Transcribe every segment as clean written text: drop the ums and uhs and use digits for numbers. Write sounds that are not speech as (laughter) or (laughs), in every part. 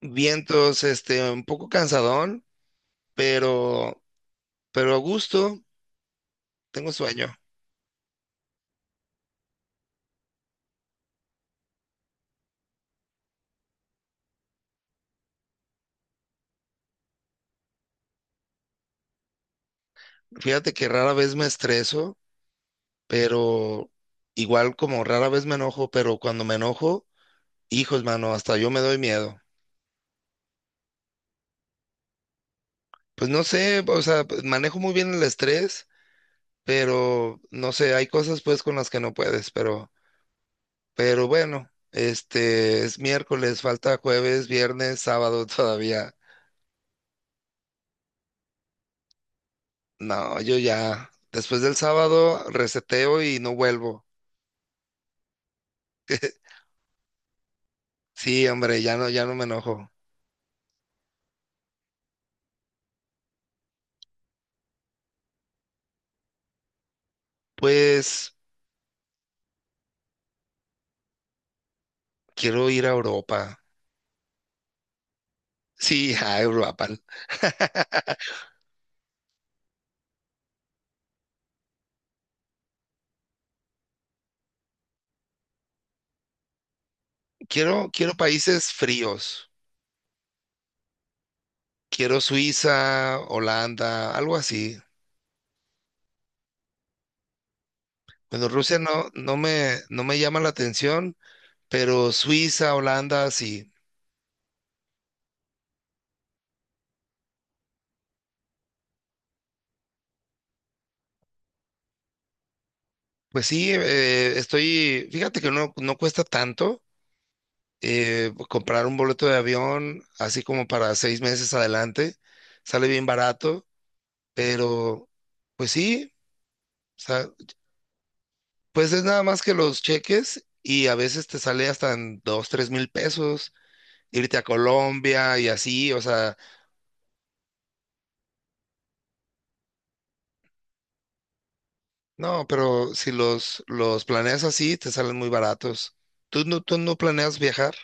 Vientos, un poco cansadón, pero, pero a gusto, tengo sueño. Fíjate que rara vez me estreso, pero igual como rara vez me enojo, pero cuando me enojo, hijos, mano, hasta yo me doy miedo. Pues no sé, o sea, pues, manejo muy bien el estrés, pero no sé, hay cosas pues con las que no puedes, pero bueno, es miércoles, falta jueves, viernes, sábado (laughs) todavía. No, yo ya, después del sábado reseteo y no vuelvo. (laughs) Sí, hombre, ya no me enojo. Pues quiero ir a Europa. Sí, a Europa. (laughs) Quiero países fríos. Quiero Suiza, Holanda, algo así. Bueno, Rusia no, no me llama la atención, pero Suiza, Holanda, sí. Pues sí, estoy, fíjate que no cuesta tanto. Comprar un boleto de avión, así como para 6 meses adelante, sale bien barato, pero pues sí, o sea, pues es nada más que los cheques y a veces te sale hasta en dos, 3,000 pesos irte a Colombia y así, o sea, no, pero si los planeas así, te salen muy baratos. ¿Tú no planeas viajar?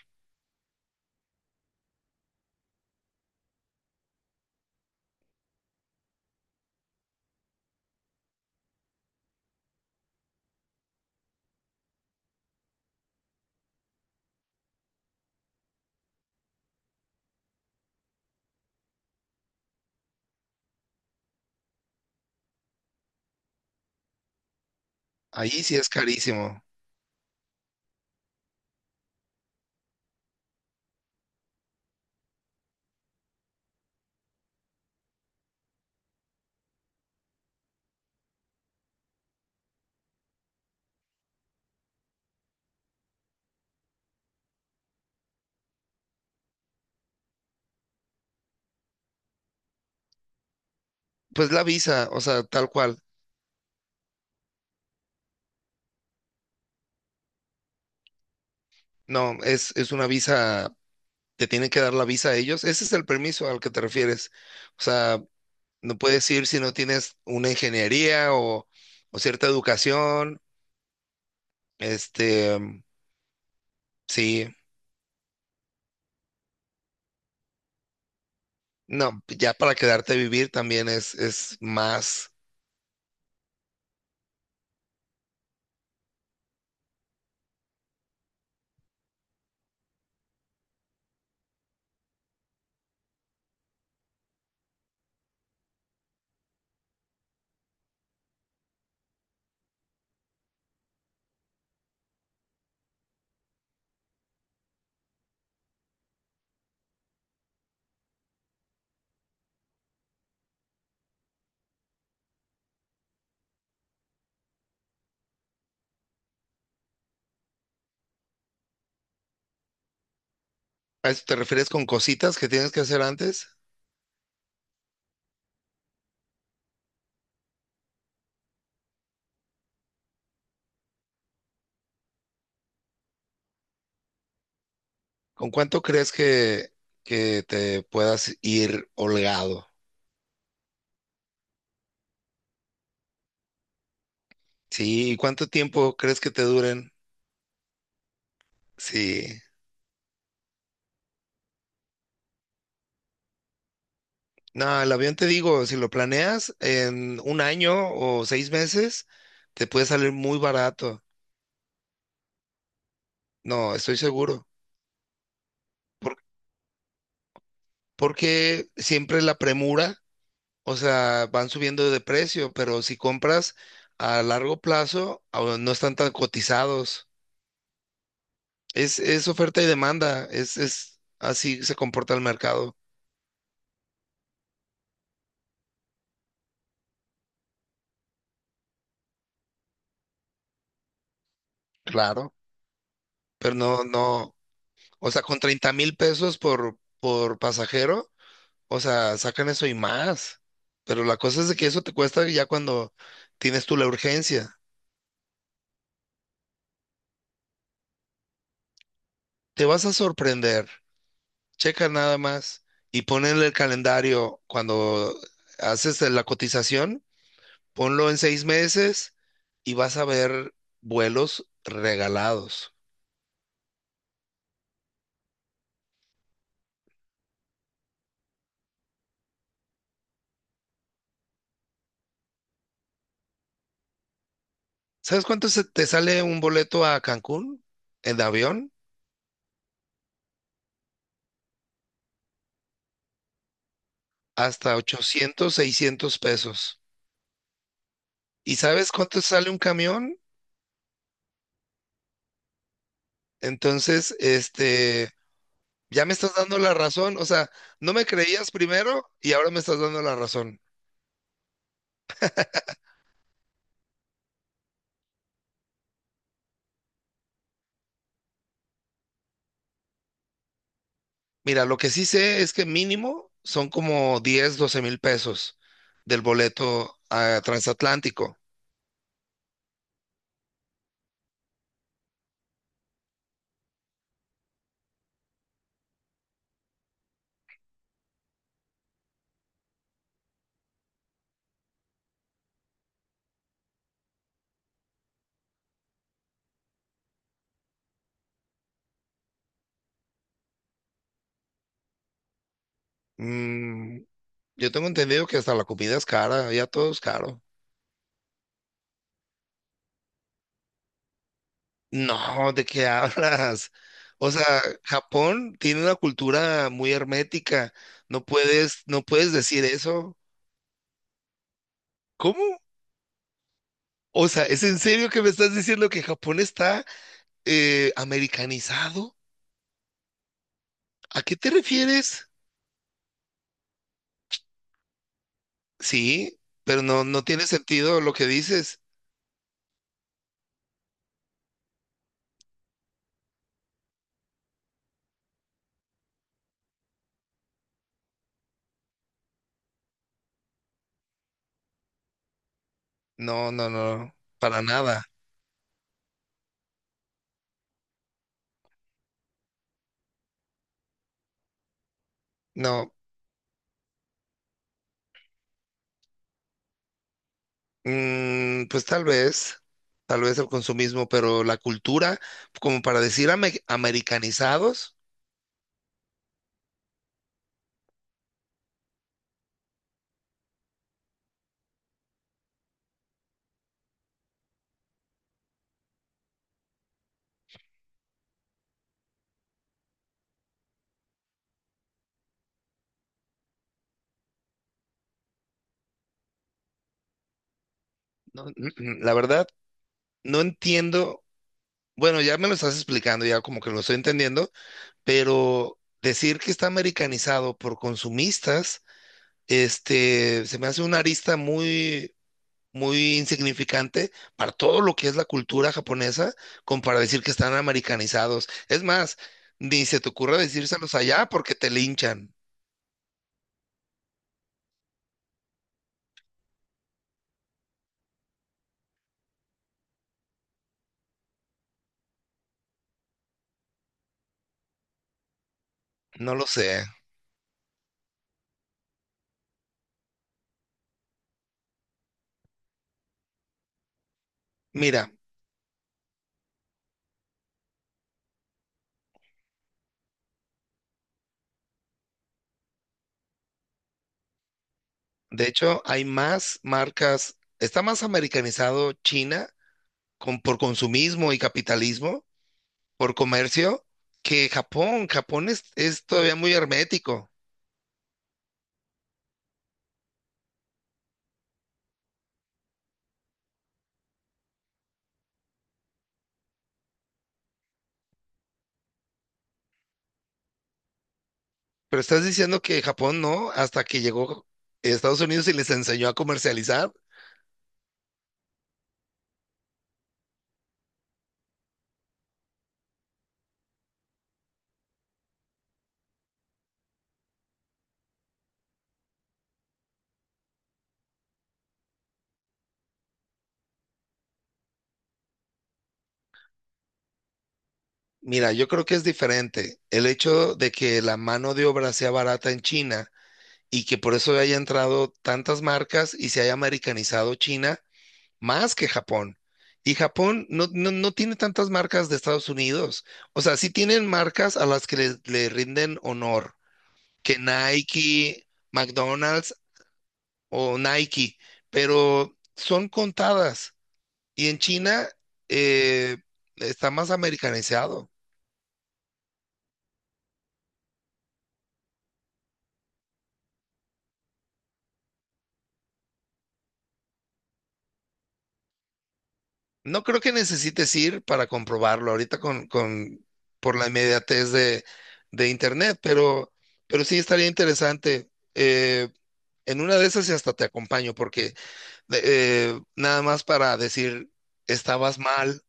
Ahí sí es carísimo. Pues la visa, o sea, tal cual. No, es una visa te tienen que dar la visa a ellos. Ese es el permiso al que te refieres. O sea, no puedes ir si no tienes una ingeniería o cierta educación. Mm, sí, no, ya para quedarte a vivir también es más. ¿A eso te refieres con cositas que tienes que hacer antes? ¿Con cuánto crees que te puedas ir holgado? Sí, ¿y cuánto tiempo crees que te duren? Sí. No, el avión te digo, si lo planeas en un año o 6 meses, te puede salir muy barato. No, estoy seguro. Por- porque siempre la premura, o sea, van subiendo de precio, pero si compras a largo plazo, ah, no están tan cotizados. Es oferta y demanda, es así se comporta el mercado. Claro. Pero no, no, o sea, con 30,000 pesos por pasajero. O sea, sacan eso y más. Pero la cosa es de que eso te cuesta ya cuando tienes tú la urgencia. Te vas a sorprender. Checa nada más y ponle el calendario cuando haces la cotización. Ponlo en 6 meses y vas a ver vuelos regalados. ¿Sabes cuánto se te sale un boleto a Cancún en avión? Hasta 800, 600 pesos. ¿Y sabes cuánto sale un camión? Entonces... Ya me estás dando la razón, o sea, no me creías primero y ahora me estás dando la razón. Mira, lo que sí sé es que mínimo son como 10, 12,000 pesos del boleto a transatlántico. Mm, yo tengo entendido que hasta la comida es cara, ya todo es caro. No, ¿de qué (laughs) hablas? O sea, Japón tiene una cultura muy hermética. No puedes, no puedes decir eso. ¿Cómo? O sea, ¿es en serio que me estás diciendo que Japón está americanizado? ¿A qué te refieres? Sí, pero no tiene sentido lo que dices. No, no, no, para nada. No, pues tal vez el consumismo, pero la cultura, como para decir americanizados, no, la verdad, no entiendo. Bueno, ya me lo estás explicando, ya como que lo estoy entendiendo, pero decir que está americanizado por consumistas, se me hace una arista muy muy insignificante para todo lo que es la cultura japonesa, como para decir que están americanizados. Es más, ni se te ocurra decírselos allá porque te linchan. No lo sé. Mira, de hecho, hay más marcas, está más americanizado China por consumismo y capitalismo, por comercio, que Japón. Japón es todavía muy hermético. Pero estás diciendo que Japón no, hasta que llegó Estados Unidos y les enseñó a comercializar. Mira, yo creo que es diferente. El hecho de que la mano de obra sea barata en China y que por eso haya entrado tantas marcas y se haya americanizado China más que Japón. Y Japón no, no, no tiene tantas marcas de Estados Unidos. O sea, sí tienen marcas a las que le rinden honor, que Nike, McDonald's, o Nike, pero son contadas. Y en China eh, está más americanizado. No creo que necesites ir para comprobarlo ahorita por la inmediatez de internet, pero sí estaría interesante. En una de esas y hasta te acompaño, porque nada más para decir, estabas mal.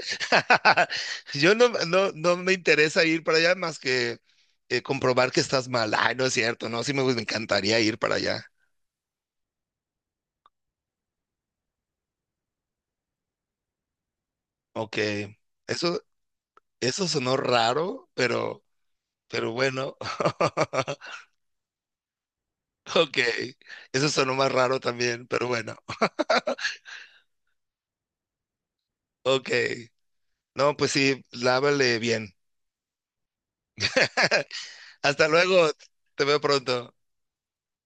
(laughs) Yo no, no, no me interesa ir para allá más que comprobar que estás mal. Ay, no es cierto, no, sí me encantaría ir para allá. Ok, eso, eso sonó raro, pero bueno. (laughs) Ok, eso sonó más raro también, pero bueno. Ok, no, pues sí, lávale bien. (laughs) Hasta luego, te veo pronto.